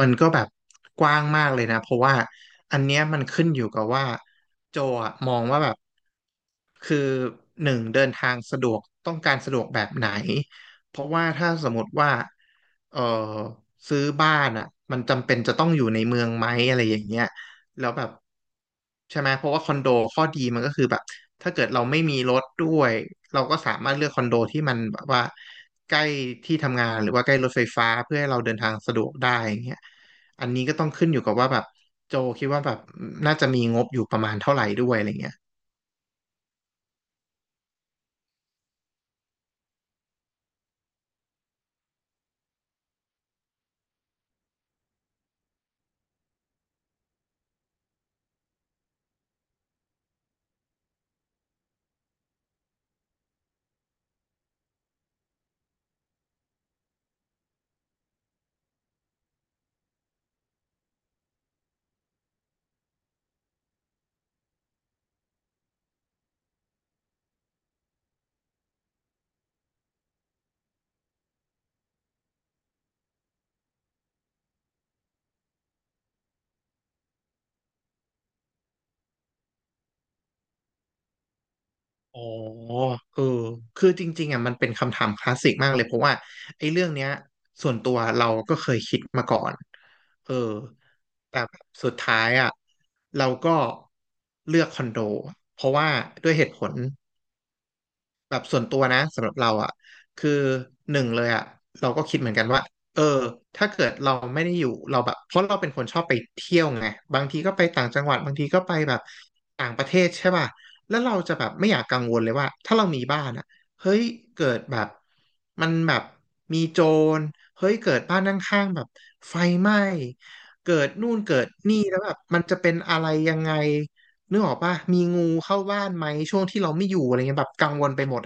มันก็แบบกว้างมากเลยนะเพราะว่าอันเนี้ยมันขึ้นอยู่กับว่าโจอะมองว่าแบบคือหนึ่งเดินทางสะดวกต้องการสะดวกแบบไหนเพราะว่าถ้าสมมติว่าเออซื้อบ้านอ่ะมันจำเป็นจะต้องอยู่ในเมืองไหมอะไรอย่างเงี้ยแล้วแบบใช่ไหมเพราะว่าคอนโดข้อดีมันก็คือแบบถ้าเกิดเราไม่มีรถด้วยเราก็สามารถเลือกคอนโดที่มันแบบว่า ใกล้ที่ทำงานหรือว่าใกล้รถไฟฟ้าเพื่อให้เราเดินทางสะดวกได้อย่างเงี้ยอันนี้ก็ต้องขึ้นอยู่กับว่าแบบโจคิดว่าแบบน่าจะมีงบอยู่ประมาณเท่าไหร่ด้วยอะไรเงี้ยอ๋อเออคือจริงๆอ่ะมันเป็นคำถามคลาสสิกมากเลยเพราะว่าไอ้เรื่องเนี้ยส่วนตัวเราก็เคยคิดมาก่อนเออแต่แบบสุดท้ายอ่ะเราก็เลือกคอนโดเพราะว่าด้วยเหตุผล แบบส่วนตัวนะสำหรับเราอ่ะคือหนึ่งเลยอ่ะเราก็คิดเหมือนกันว่าเออถ้าเกิดเราไม่ได้อยู่เราแบบเพราะเราเป็นคนชอบไปเที่ยวไงบางทีก็ไปต่างจังหวัดบางทีก็ไปแบบต่างประเทศใช่ป่ะแล้วเราจะแบบไม่อยากกังวลเลยว่าถ้าเรามีบ้านอ่ะเฮ้ยเกิดแบบมันแบบมีโจรเฮ้ยเกิดบ้านข้างๆแบบไฟไหม้เกิดนู่นเกิดนี่แล้วแบบมันจะเป็นอะไรยังไงนึกออกป่ะมีงูเข้าบ้านไหมช่วงที่เราไม่อยู่อะไรเงี้ยแบบกังวลไปหมด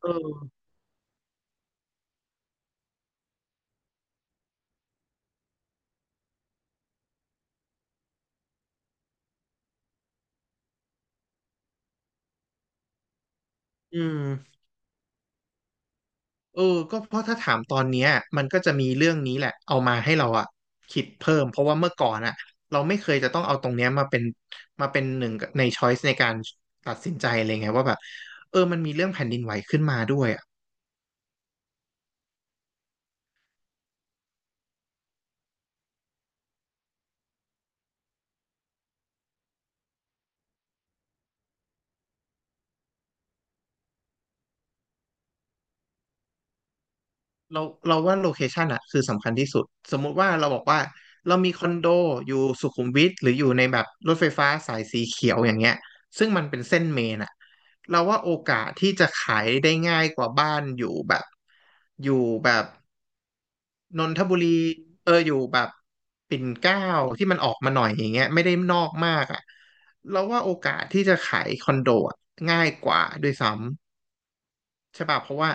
เอออืมเออก็เพราะถ้าถามตอนเนี้ยมันก็จะมีเรื่องนี้แหละเอามาให้เราอะคิดเพิ่มเพราะว่าเมื่อก่อนอะเราไม่เคยจะต้องเอาตรงเนี้ยมาเป็น หนึ่งในช้อยส์ในการตัดสินใจเลยไงว่าแบบ มันมีเรื่องแผ่นดินไหวขึ้นมาด้วยอะ เราเราว่าโลเคชันอะคือสำคัญที่สุดสมมุติว่าเราบอกว่าเรามีคอนโดอยู่สุขุมวิทหรืออยู่ในแบบรถไฟฟ้าสายสีเขียวอย่างเงี้ยซึ่งมันเป็นเส้นเมนอะเราว่าโอกาสที่จะขายได้ง่ายกว่าบ้านอยู่แบบอยู่แบบนนทบุรีอยู่แบบปิ่นเกล้าที่มันออกมาหน่อยอย่างเงี้ยไม่ได้นอกมากอะเราว่าโอกาสที่จะขายคอนโดอะง่ายกว่าด้วยซ้ำ ใช่ป่ะเพราะว่า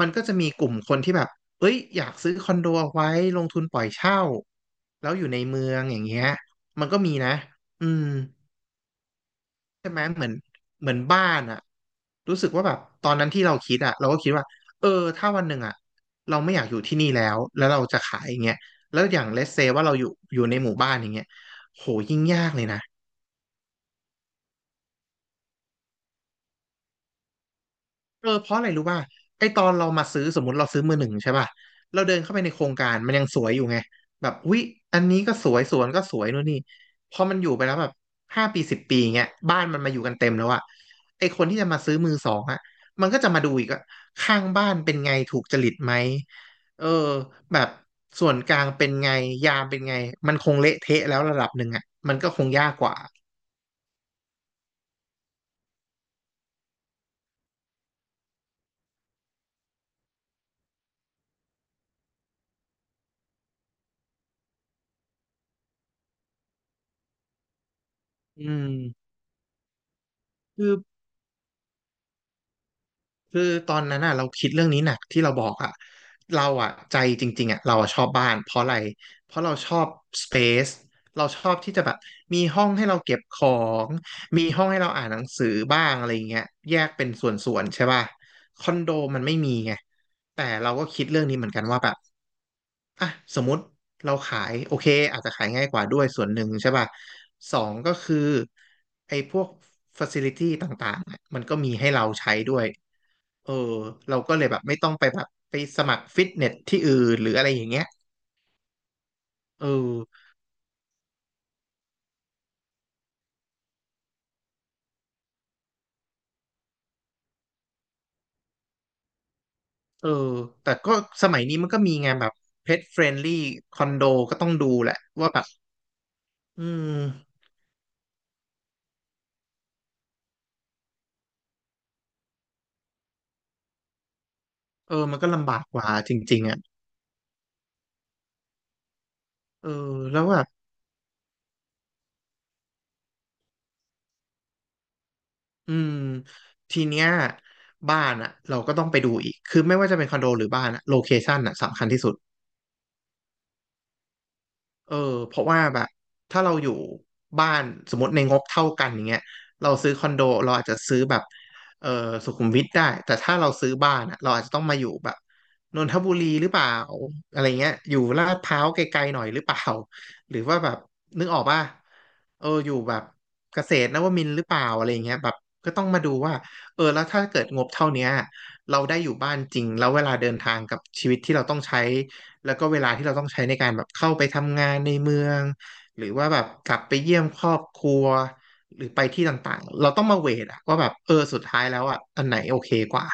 มันก็จะมีกลุ่มคนที่แบบเอ้ยอยากซื้อคอนโดเอาไว้ลงทุนปล่อยเช่าแล้วอยู่ในเมืองอย่างเงี้ยมันก็มีนะอืมใช่ไหมเหมือนบ้านอะรู้สึกว่าแบบตอนนั้นที่เราคิดอะเราก็คิดว่าเออถ้าวันหนึ่งอะเราไม่อยากอยู่ที่นี่แล้วแล้วเราจะขายอย่างเงี้ยแล้วอย่างเลสเซว่าเราอยู่ในหมู่บ้านอย่างเงี้ยโหยิ่งยากเลยนะ เพราะอะไรรู้ป่ะไอตอนเรามาซื้อสมมติเราซื้อมือหนึ่งใช่ป่ะเราเดินเข้าไปในโครงการมันยังสวยอยู่ไงแบบอุ๊ยอันนี้ก็สวยสวนก็สวยนู่นนี่พอมันอยู่ไปแล้วแบบ5 ปี10 ปีเงี้ยบ้านมันมาอยู่กันเต็มแล้วอะไอคนที่จะมาซื้อมือสองอะมันก็จะมาดูอีกว่าข้างบ้านเป็นไงถูกจริตไหมเออแบบส่วนกลางเป็นไงยามเป็นไงมันคงเละเทะแล้วระดับหนึ่งอะมันก็คงยากกว่าอืมคือ คือตอนนั้นอ่ะเราคิดเรื่องนี้หนักที่เราบอกอ่ะเราอ่ะใจจริงๆอ่ะเราอะชอบบ้านเพราะอะไรเพราะเราชอบสเปซเราชอบที่จะแบบมีห้องให้เราเก็บของมีห้องให้เราอ่านหนังสือบ้างอะไรอย่างเงี้ยแยกเป็นส่วนๆใช่ป่ะคอนโดมันไม่มีไงแต่เราก็คิดเรื่องนี้เหมือนกันว่าแบบอ่ะสมมติเราขายโอเคอาจจะขายง่ายกว่าด้วยส่วนหนึ่งใช่ป่ะสองก็คือไอ้พวก facility ต่างๆอะมันก็มีให้เราใช้ด้วย เออเราก็เลยแบบไม่ต้องไปแบบไปสมัครฟิตเนสที่อื่นหรืออะไรอย่างเงี้ยเออเออแต่ก็สมัยนี้มันก็มีไงแบบเพ t เฟรนลี่คอนโดก็ต้องดูแหละว่าแบบอืมมันก็ลำบากกว่าจริงๆอ่ะเออแล้วแบบอืมทีเนี้ยบ้านอ่ะเราก็ต้องไปดูอีกคือไม่ว่าจะเป็นคอนโดหรือบ้านอ่ะโลเคชันอ่ะสำคัญที่สุด เออเพราะว่าแบบถ้าเราอยู่บ้านสมมติในงบเท่ากันอย่างเงี้ยเราซื้อคอนโดเราอาจจะซื้อแบบเออสุขุมวิทได้แต่ถ้าเราซื้อบ้านอะเราอาจจะต้องมาอยู่แบบนนทบุรีหรือเปล่าอะไรเงี้ยอยู่ลาดพร้าวไกลๆหน่อยหรือเปล่า หรือว่าแบบนึกออกป่ะอยู่แบบเกษตรนวมินทร์หรือเปล่าอะไรเงี้ยแบบก็ต้องมาดูว่าแล้วถ้าเกิดงบเท่าเนี้ยเราได้อยู่บ้านจริงแล้วเวลาเดินทางกับชีวิตที่เราต้องใช้ แล้วก็เวลาที่เราต้องใช้ในการแบบเข้าไปทำงานในเมืองหรือว่าแบบกลับไปเยี่ยมครอบครัวหรือไปที่ต่างๆเราต้องมาเวทอะว่าแบบสุดท้ายแล้วอะอันไหนโอเคกว่า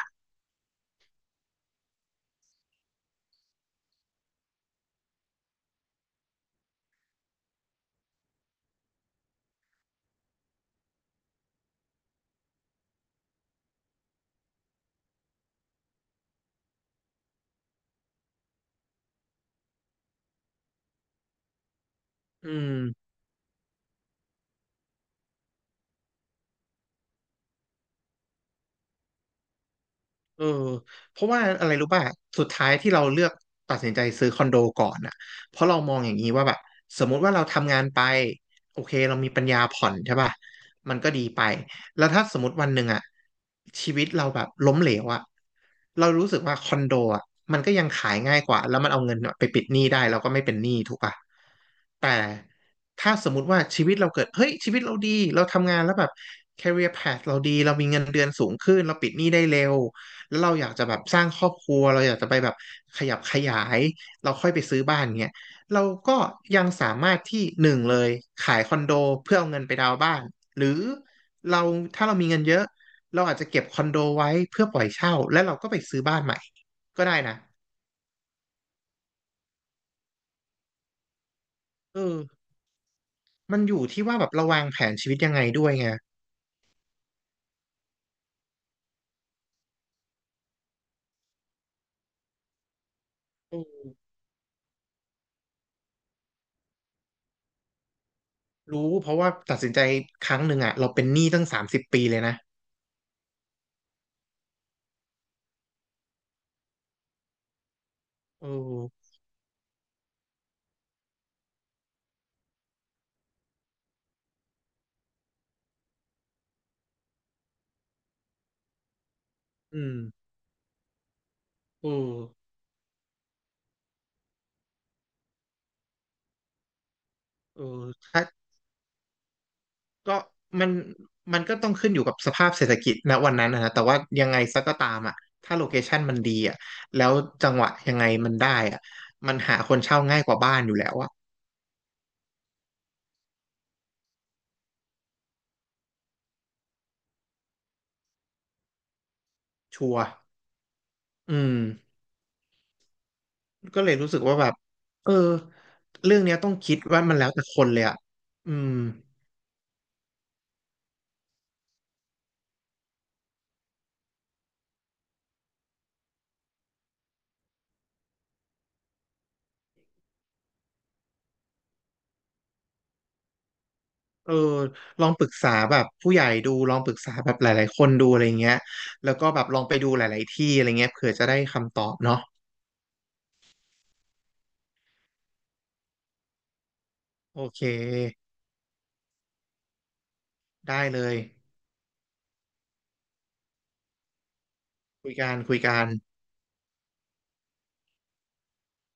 อืม เออเพราะว่าอะไรรู้ป่ะสุดท้ายที่เราเลือกตัดสินใจซื้อคอนโดก่อนน่ะเพราะเรามองอย่างนี้ว่าแบบสมมุติว่าเราทำงานไปโอเคเรามีปัญญาผ่อนใช่ป่ะมันก็ดีไปแล้วถ้าสมมติวันหนึ่งอะชีวิตเราแบบล้มเหลวอะเรารู้สึกว่าคอนโดอะมันก็ยังขายง่ายกว่าแล้วมันเอาเงินไปปิดหนี้ได้เราก็ไม่เป็นหนี้ถูกป่ะ แต่ถ้าสมมุติว่าชีวิตเราเกิดเฮ้ยชีวิตเราดีเราทำงานแล้วแบบ career path เราดีเรามีเงินเดือนสูงขึ้นเราปิดหนี้ได้เร็วแล้วเราอยากจะแบบสร้างครอบครัวเราอยากจะไปแบบขยับขยายเราค่อยไปซื้อบ้านเงี้ยเราก็ยังสามารถที่หนึ่งเลยขายคอนโดเพื่อเอาเงินไปดาวน์บ้านหรือเราถ้าเรามีเงินเยอะเราอาจจะเก็บคอนโดไว้เพื่อปล่อยเช่าแล้วเราก็ไปซื้อบ้านใหม่ก็ได้นะเออมันอยู่ที่ว่าแบบเราวางแผนชีวิตยังไงด้วยไงอืม รู้เพราะว่าตัดสินใจครั้งหนึ่งอ่ะเราเป็นหนี้ตั้ง30 ปีเลยนะเอออืมเออเออถ้าก็มันมันก็ต้องขึ้นอยู่กับสภาพเศรษฐกิจณวันนั้นนะนะแต่ว่ายังไงซะก็ตามอ่ะถ้าโลเคชันมันดีอ่ะแล้วจังหวะยังไงมันได้อ่ะมันหาคนเช่าง่ายกว่าบ้านอยู่แล้วอ่ะชัวร์อืมก็เลยรู้สึกว่าแบบเออเรื่องเนี้ยต้องคิดว่ามันแล้วแต่คนเลยอ่ะอืม เออลองปรึกษาแบบผู้ใหญ่ดูลองปรึกษาแบบหลายๆคนดูอะไรเงี้ยแล้วก็แบบลองไปดูหลายๆที่อะไรเงี้ยเผื่อจะได้คำตอบเนาะโอเคได้เลยคุยกันคุยกัน